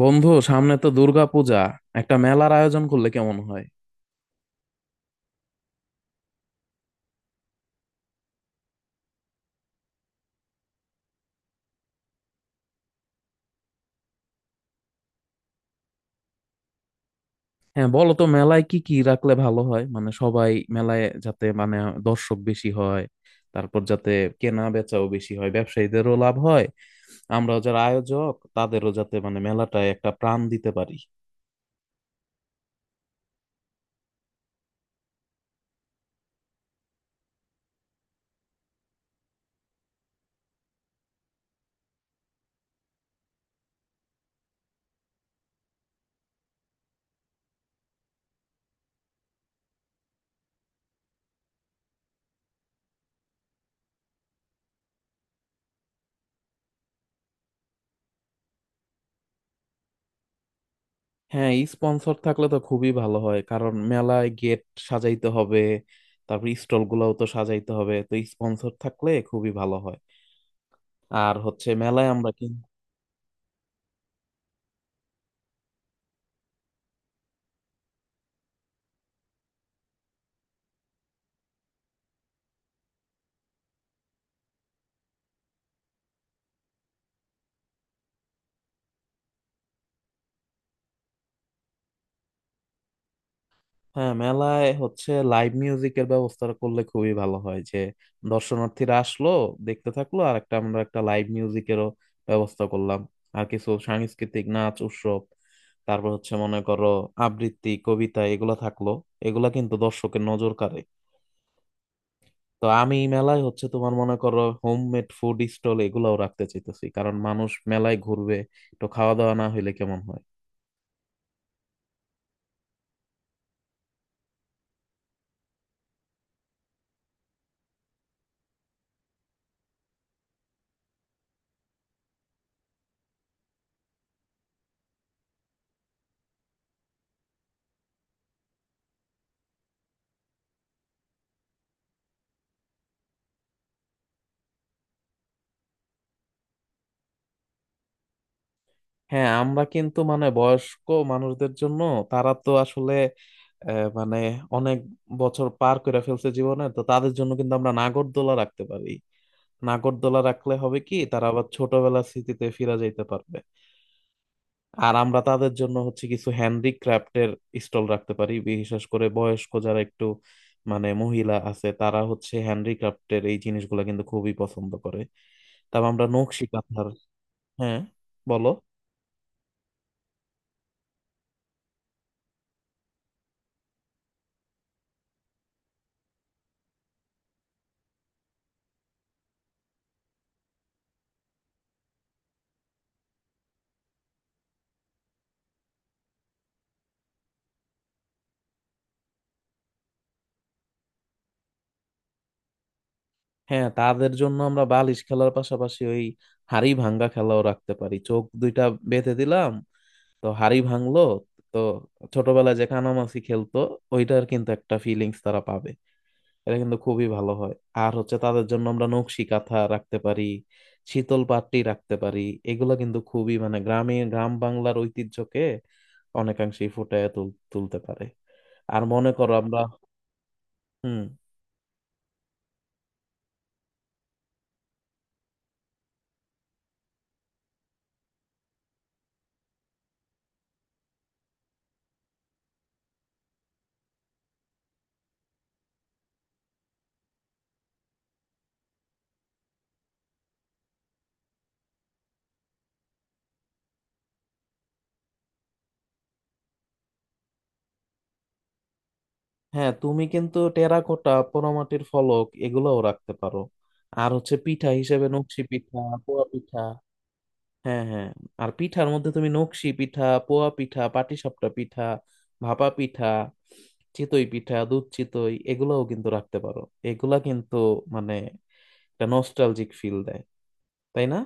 বন্ধু, সামনে তো দুর্গাপূজা। একটা মেলার আয়োজন করলে কেমন হয়? হ্যাঁ, বলো তো, মেলায় কি কি রাখলে ভালো হয়, মানে সবাই মেলায় যাতে, মানে দর্শক বেশি হয়। তারপর যাতে কেনা বেচাও বেশি হয়, ব্যবসায়ীদেরও লাভ হয়। আমরা যারা আয়োজক তাদেরও যাতে, মানে মেলাটায় একটা প্রাণ দিতে পারি। হ্যাঁ, স্পন্সর থাকলে তো খুবই ভালো হয়, কারণ মেলায় গেট সাজাইতে হবে। তারপর স্টল গুলাও তো সাজাইতে হবে, তো স্পন্সর থাকলে খুবই ভালো হয়। আর হচ্ছে মেলায় আমরা কিন্তু। হ্যাঁ, মেলায় হচ্ছে লাইভ মিউজিকের ব্যবস্থা করলে খুবই ভালো হয়, যে দর্শনার্থীরা আসলো, দেখতে থাকলো, আর আমরা একটা লাইভ মিউজিকেরও ব্যবস্থা করলাম। আর কিছু সাংস্কৃতিক নাচ উৎসব, তারপর হচ্ছে মনে করো আবৃত্তি কবিতা এগুলা থাকলো। এগুলা কিন্তু দর্শকের নজর কাড়ে। তো আমি মেলায় হচ্ছে তোমার মনে করো হোমমেড ফুড স্টল এগুলাও রাখতে চাইতেছি, কারণ মানুষ মেলায় ঘুরবে। তো খাওয়া দাওয়া না হইলে কেমন হয়? হ্যাঁ, আমরা কিন্তু মানে বয়স্ক মানুষদের জন্য, তারা তো আসলে মানে অনেক বছর পার করে ফেলছে জীবনে। তো তাদের জন্য কিন্তু আমরা নাগরদোলা রাখতে পারি। নাগরদোলা রাখলে হবে কি, তারা আবার ছোটবেলার স্মৃতিতে ফিরে যাইতে পারবে। আর আমরা তাদের জন্য হচ্ছে কিছু হ্যান্ডিক্রাফটের স্টল রাখতে পারি, বিশেষ করে বয়স্ক যারা একটু মানে মহিলা আছে, তারা হচ্ছে হ্যান্ডিক্রাফটের এই জিনিসগুলো কিন্তু খুবই পছন্দ করে। তারপর আমরা নকশি কাঁথার। হ্যাঁ, বলো। হ্যাঁ, তাদের জন্য আমরা বালিশ খেলার পাশাপাশি ওই হাড়ি ভাঙ্গা খেলাও রাখতে পারি। চোখ দুইটা বেঁধে দিলাম, তো হাড়ি ভাঙলো। তো ছোটবেলায় যে কানামাছি খেলতো, ওইটার কিন্তু একটা ফিলিংস তারা পাবে। এটা কিন্তু খুবই ভালো হয়। আর হচ্ছে তাদের জন্য আমরা নকশি কাঁথা রাখতে পারি, শীতল পাট্টি রাখতে পারি। এগুলো কিন্তু খুবই, মানে গ্রামে গ্রাম বাংলার ঐতিহ্যকে অনেকাংশেই ফুটিয়ে তুলতে পারে। আর মনে করো আমরা। হুম। হ্যাঁ, তুমি কিন্তু টেরাকোটা পোড়ামাটির ফলক এগুলোও রাখতে পারো। আর হচ্ছে পিঠা হিসেবে নকশি পিঠা, পোয়া পিঠা। হ্যাঁ, হ্যাঁ। আর পিঠার মধ্যে তুমি নকশি পিঠা, পোয়া পিঠা, পাটিসাপটা পিঠা, ভাপা পিঠা, চিতই পিঠা, দুধ চিতই এগুলাও কিন্তু রাখতে পারো। এগুলা কিন্তু মানে একটা নস্টালজিক ফিল দেয়, তাই না?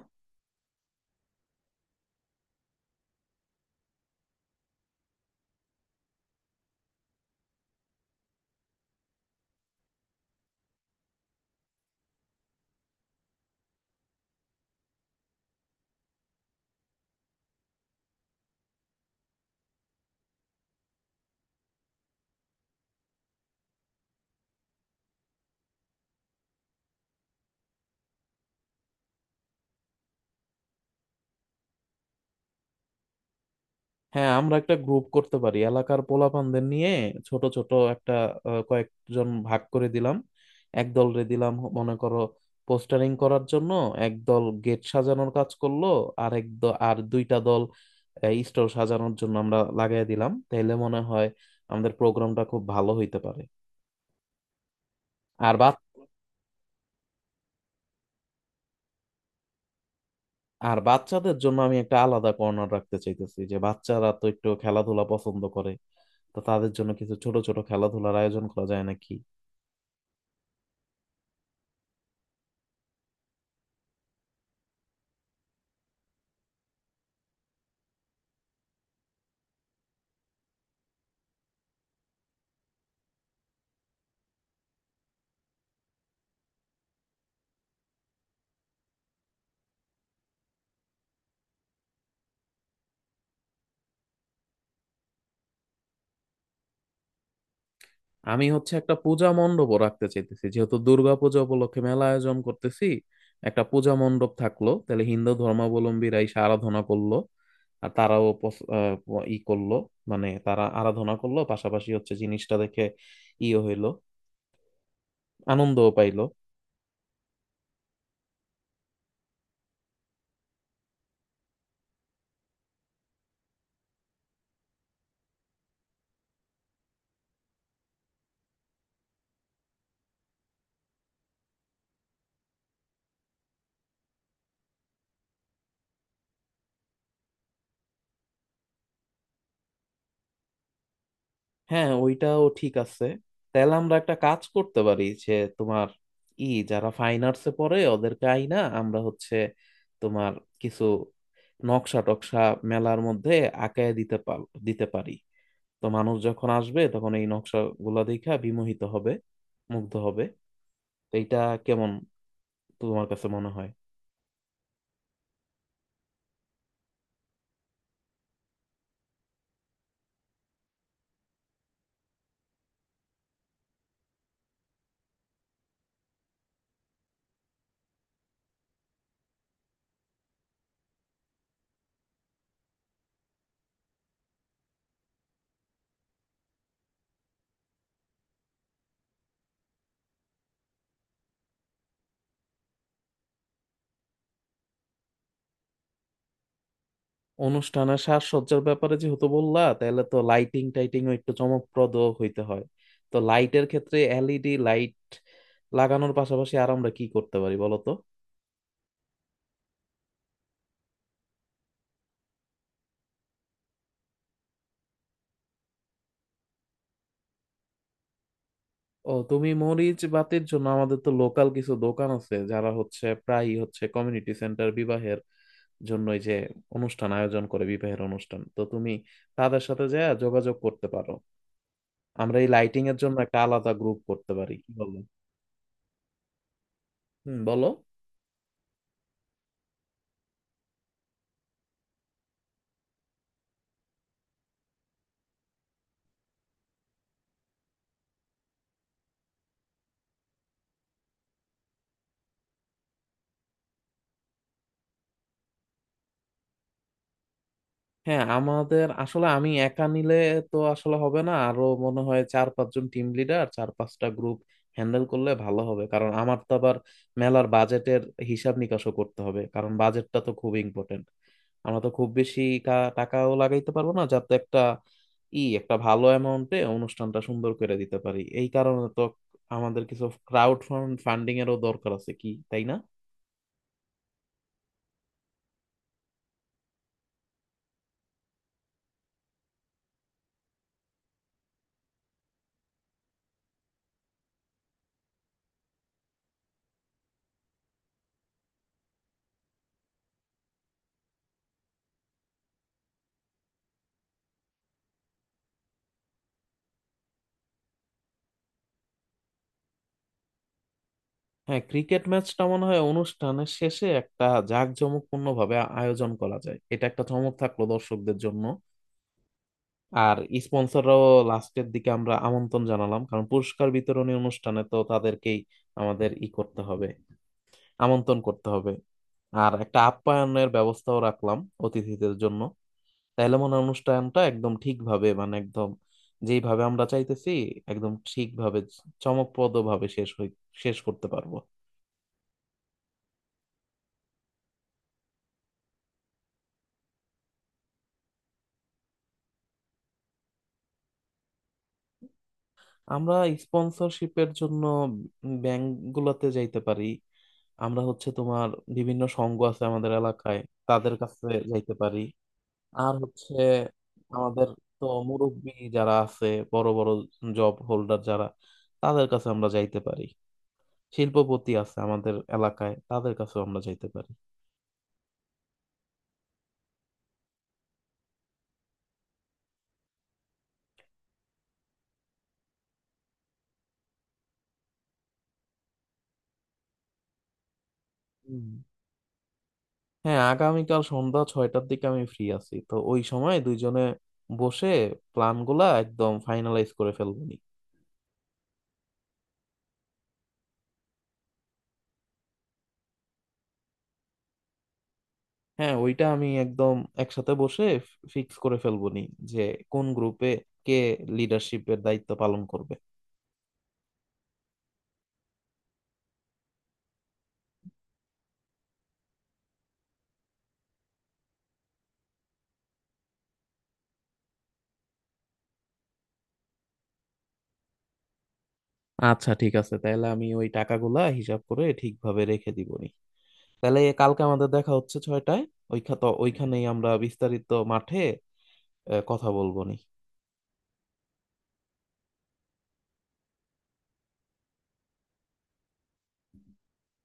হ্যাঁ, আমরা একটা গ্রুপ করতে পারি এলাকার পোলাপানদের নিয়ে। ছোট ছোট একটা কয়েকজন ভাগ করে দিলাম। একদল রে দিলাম মনে করো পোস্টারিং করার জন্য। একদল গেট সাজানোর কাজ করলো। আর দুইটা দল স্টল সাজানোর জন্য আমরা লাগাই দিলাম, তাহলে মনে হয় আমাদের প্রোগ্রামটা খুব ভালো হইতে পারে। আর বাচ্চা আর বাচ্চাদের জন্য আমি একটা আলাদা কর্নার রাখতে চাইতেছি, যে বাচ্চারা তো একটু খেলাধুলা পছন্দ করে। তো তাদের জন্য কিছু ছোট ছোট খেলাধুলার আয়োজন করা যায় নাকি? আমি হচ্ছে একটা পূজা মণ্ডপও রাখতে চাইতেছি, যেহেতু দুর্গাপূজা উপলক্ষে মেলা আয়োজন করতেছি। একটা পূজা মণ্ডপ থাকলো, তাহলে হিন্দু ধর্মাবলম্বীরা এসে আরাধনা করলো। আর তারাও ই করলো, মানে তারা আরাধনা করলো, পাশাপাশি হচ্ছে জিনিসটা দেখে ইয়ে হইলো, আনন্দও পাইলো। হ্যাঁ, ওইটাও ঠিক আছে। তাহলে আমরা একটা কাজ করতে পারি, যে তোমার ই যারা ফাইন আর্টসে পড়ে, ওদেরকে আইনা আমরা হচ্ছে তোমার কিছু নকশা টকশা মেলার মধ্যে আঁকায় দিতে পারি। তো মানুষ যখন আসবে তখন এই নকশা গুলা দেখা বিমোহিত হবে, মুগ্ধ হবে। তো এইটা কেমন তোমার কাছে মনে হয়? অনুষ্ঠান আর সাজসজ্জার ব্যাপারে যেহেতু বললা, তাহলে তো লাইটিং টাইটিংও একটু চমকপ্রদ হইতে হয়। তো লাইটের ক্ষেত্রে এলইডি লাইট লাগানোর পাশাপাশি আর আমরা কি করতে পারি বলো তো? ও, তুমি মরিচ বাতির জন্য আমাদের তো লোকাল কিছু দোকান আছে, যারা হচ্ছে প্রায়ই হচ্ছে কমিউনিটি সেন্টার বিবাহের জন্য এই যে অনুষ্ঠান আয়োজন করে বিবাহের অনুষ্ঠান, তো তুমি তাদের সাথে যা যোগাযোগ করতে পারো। আমরা এই লাইটিং এর জন্য একটা আলাদা গ্রুপ করতে পারি, কি বলো? হুম, বলো। হ্যাঁ, আমাদের আসলে আমি একা নিলে তো আসলে হবে না, আরো মনে হয় চার পাঁচজন টিম লিডার চার পাঁচটা গ্রুপ হ্যান্ডেল করলে ভালো হবে। কারণ আমার তো আবার মেলার বাজেটের হিসাব নিকাশও করতে হবে, কারণ বাজেটটা তো খুব ইম্পর্টেন্ট। আমরা তো খুব বেশি টাকাও লাগাইতে পারবো না, যাতে একটা ভালো অ্যামাউন্টে অনুষ্ঠানটা সুন্দর করে দিতে পারি। এই কারণে তো আমাদের কিছু ক্রাউড ফান্ডিং এরও দরকার আছে, কি তাই না? হ্যাঁ, ক্রিকেট ম্যাচটা মনে হয় অনুষ্ঠানের শেষে একটা জাঁকজমকপূর্ণ ভাবে আয়োজন করা যায়, এটা একটা চমক থাকলো দর্শকদের জন্য। আর স্পন্সররাও লাস্টের দিকে আমরা আমন্ত্রণ জানালাম, কারণ পুরস্কার বিতরণী অনুষ্ঠানে তো তাদেরকেই আমাদের ই করতে হবে, আমন্ত্রণ করতে হবে। আর একটা আপ্যায়নের ব্যবস্থাও রাখলাম অতিথিদের জন্য। তাইলে মনে হয় অনুষ্ঠানটা একদম ঠিকভাবে, মানে একদম যেইভাবে আমরা চাইতেছি, একদম ঠিকভাবে চমকপ্রদ ভাবে শেষ করতে পারবো। আমরা স্পন্সরশিপের জন্য ব্যাংক গুলাতে যাইতে পারি। আমরা হচ্ছে তোমার বিভিন্ন সংঘ আছে আমাদের এলাকায়, তাদের কাছে যাইতে পারি। আর হচ্ছে আমাদের তো মুরব্বি যারা আছে, বড় বড় জব হোল্ডার যারা, তাদের কাছে আমরা যাইতে পারি। শিল্পপতি আছে আমাদের এলাকায়, তাদের কাছেও আমরা যাইতে পারি। হুম। হ্যাঁ, আগামীকাল সন্ধ্যা 6টার দিকে আমি ফ্রি আছি, তো ওই সময় দুইজনে বসে প্ল্যান গুলা একদম ফাইনালাইজ করে ফেলবো। হ্যাঁ, ওইটা আমি একদম একসাথে বসে ফিক্স করে ফেলবো নি, যে কোন গ্রুপে কে লিডারশিপের দায়িত্ব পালন করবে। আচ্ছা, ঠিক আছে, তাহলে আমি ওই টাকাগুলা হিসাব করে ঠিকভাবে রেখে দিব নি। তাহলে কালকে আমাদের দেখা হচ্ছে 6টায়, ওইখানে ওইখানেই আমরা বিস্তারিত মাঠে কথা বলবো নি।